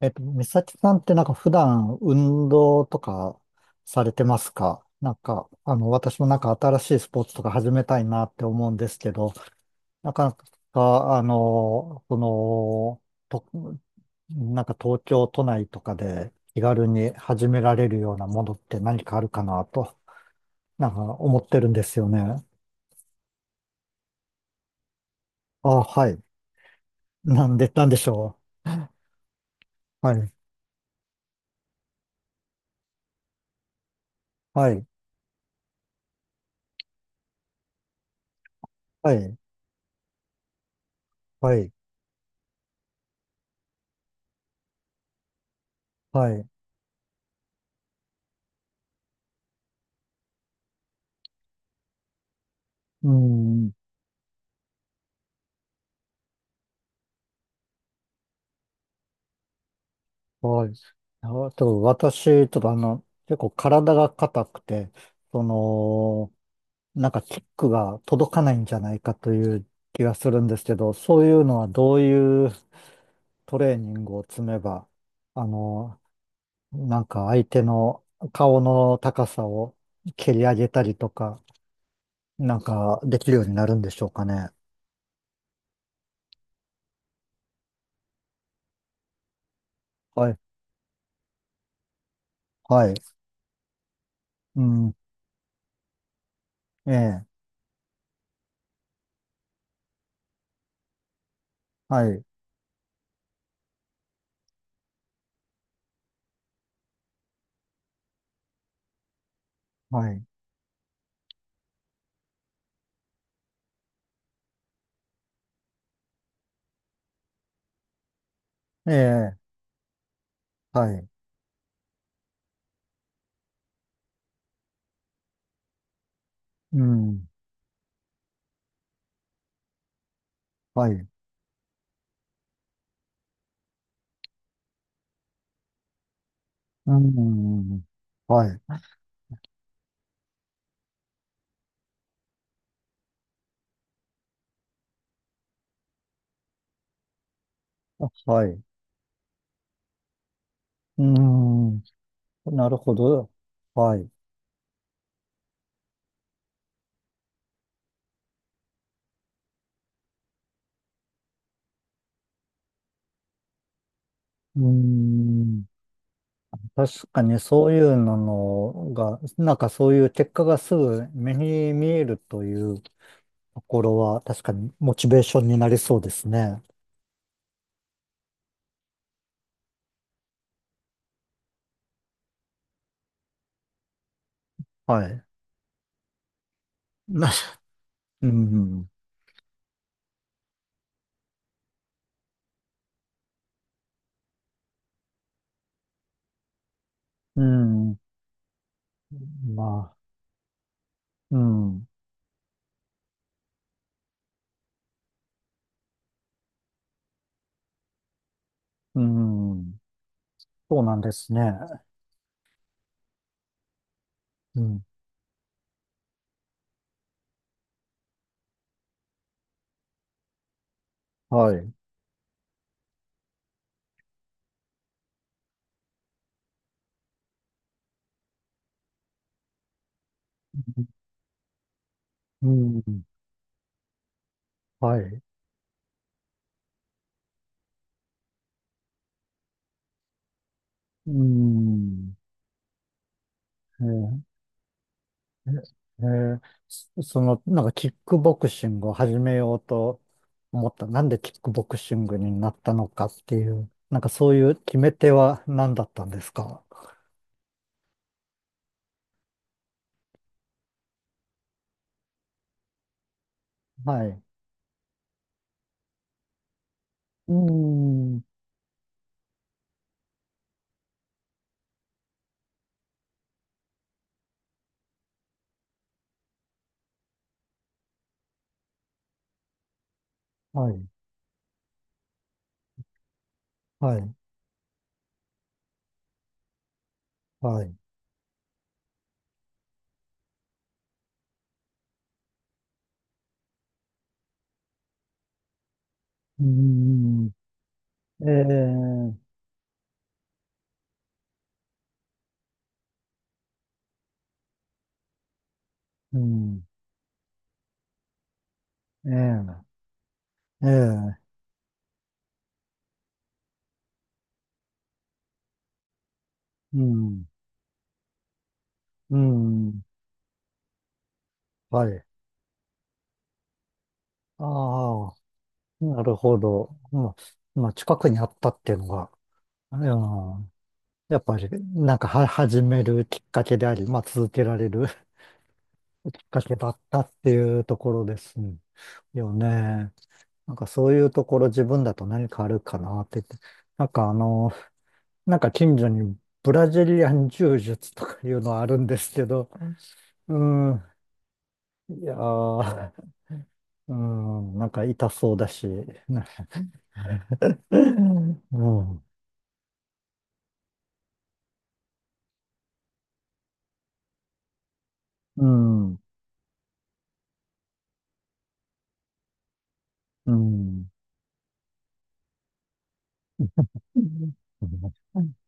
美咲さんって普段運動とかされてますか？なんか、私もなんか新しいスポーツとか始めたいなって思うんですけど、なかなか、と、なんか東京都内とかで気軽に始められるようなものって何かあるかなと、なんか思ってるんですよね。あ、はい。なんでしょう。はい。はい。はい。はい。はい。うん。はい。あと、私、ちょっとあの、結構体が硬くて、その、なんかキックが届かないんじゃないかという気がするんですけど、そういうのはどういうトレーニングを積めば、あの、なんか相手の顔の高さを蹴り上げたりとか、なんかできるようになるんでしょうかね。はい。はい。うん。ええ。はい。はい。ええ。はい。うん。はい。うん。はい。あ、はい。うん。なるほど。はい。うん。確かにそういうのが、なんかそういう結果がすぐ目に見えるというところは、確かにモチベーションになりそうですね。はい。な、うん。うん。まあ、うん。うん。そうなんですね。うん。はい。うん。はい。うん。えー、ええー、そその、なんかキックボクシングを始めようと思った。なんでキックボクシングになったのかっていう、なんかそういう決め手は何だったんですか？はい。うーん。はい。はい。はい。うーん。ええ、うん。ええ、ええ、うん。うん。はい。ああ、なるほど。まあ、まあ近くにあったっていうのが、うん、やっぱり、なんかは、始めるきっかけであり、まあ、続けられる きっかけだったっていうところですよね。なんか、そういうところ自分だと何かあるかなって言って。なんか、あの、なんか近所にブラジリアン柔術とかいうのはあるんですけど、うん、いやー、うん、なんか痛そうだし、なうん、うん、うん。うん、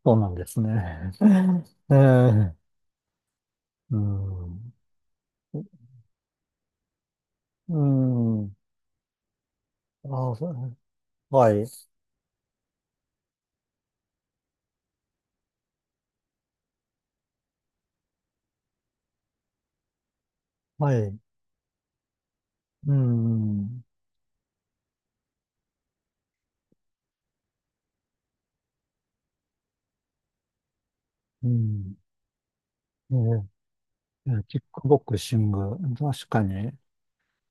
そうなんですね。ええ、うん。うん。ああ、そう、はい。はい。うん。うん。ええ、キックボクシング。確かに。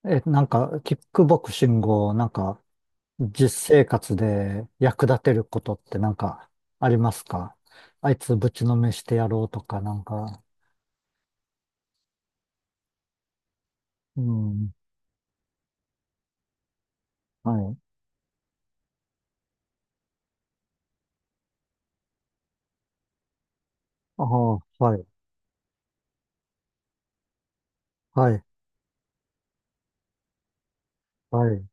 え、なんか、キックボクシングを、なんか、実生活で役立てることってなんか、ありますか？あいつぶちのめしてやろうとか、なんか。うん。はい。ああ、はい。はい。はい。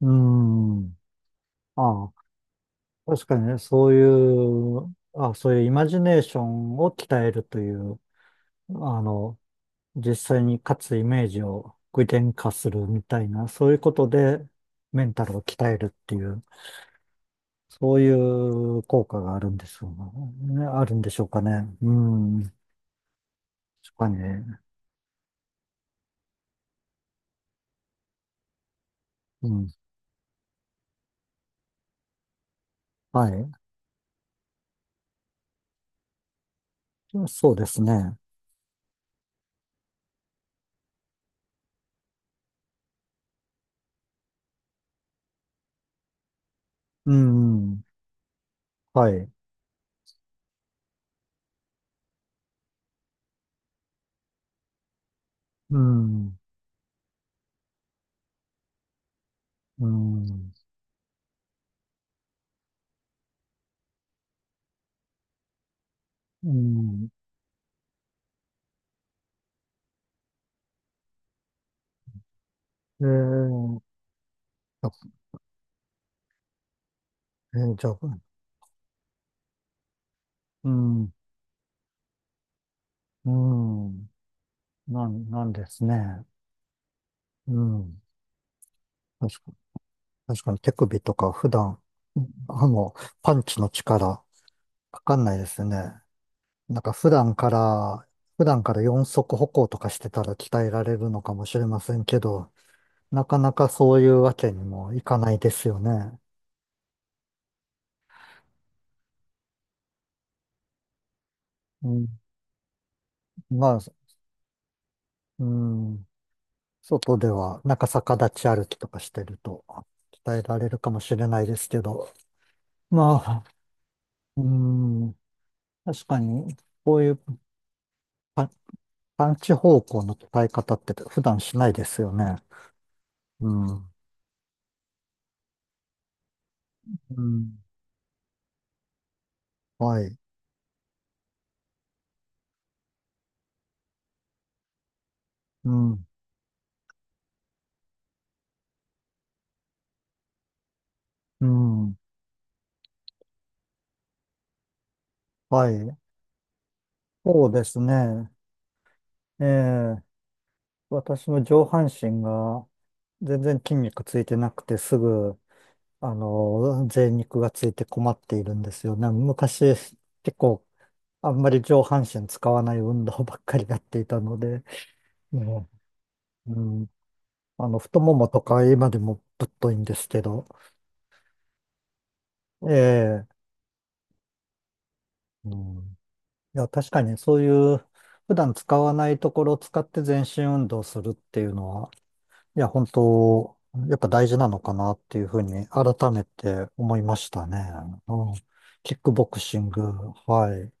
うん。ああ、確かにね、そういう、あ、そういうイマジネーションを鍛えるという、あの、実際に勝つイメージを具現化するみたいな、そういうことでメンタルを鍛えるっていう、そういう効果があるんでしょうね。あるんでしょうかね。うん。確かにね。うん。はい。そうですね。うん。はい。うん。うん。うん。えー、あえーじゃあ、うん。うん。なんですね。うん。確かに、確かに手首とか普段、あの、パンチの力、かかんないですね。なんか普段から、普段から四足歩行とかしてたら鍛えられるのかもしれませんけど、なかなかそういうわけにもいかないですよね。うん。まあ、うん。外では、なんか逆立ち歩きとかしてると、鍛えられるかもしれないですけど、まあ、うん。確かに、こういう、探知方向の伝え方って普段しないですよね。うん。うん。はい。うん。うん。はい。そうですね。ええ、私も上半身が全然筋肉ついてなくてすぐ、あの、贅肉がついて困っているんですよね。昔、結構、あんまり上半身使わない運動ばっかりやっていたので、ねうん。あの、太ももとか今でもぶっといんですけど、ええ、うんいや、確かにそういう普段使わないところを使って全身運動するっていうのは、いや、本当、やっぱ大事なのかなっていうふうに改めて思いましたね。うん、キックボクシング、はい。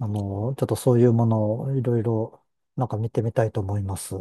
あの、ちょっとそういうものをいろいろなんか見てみたいと思います。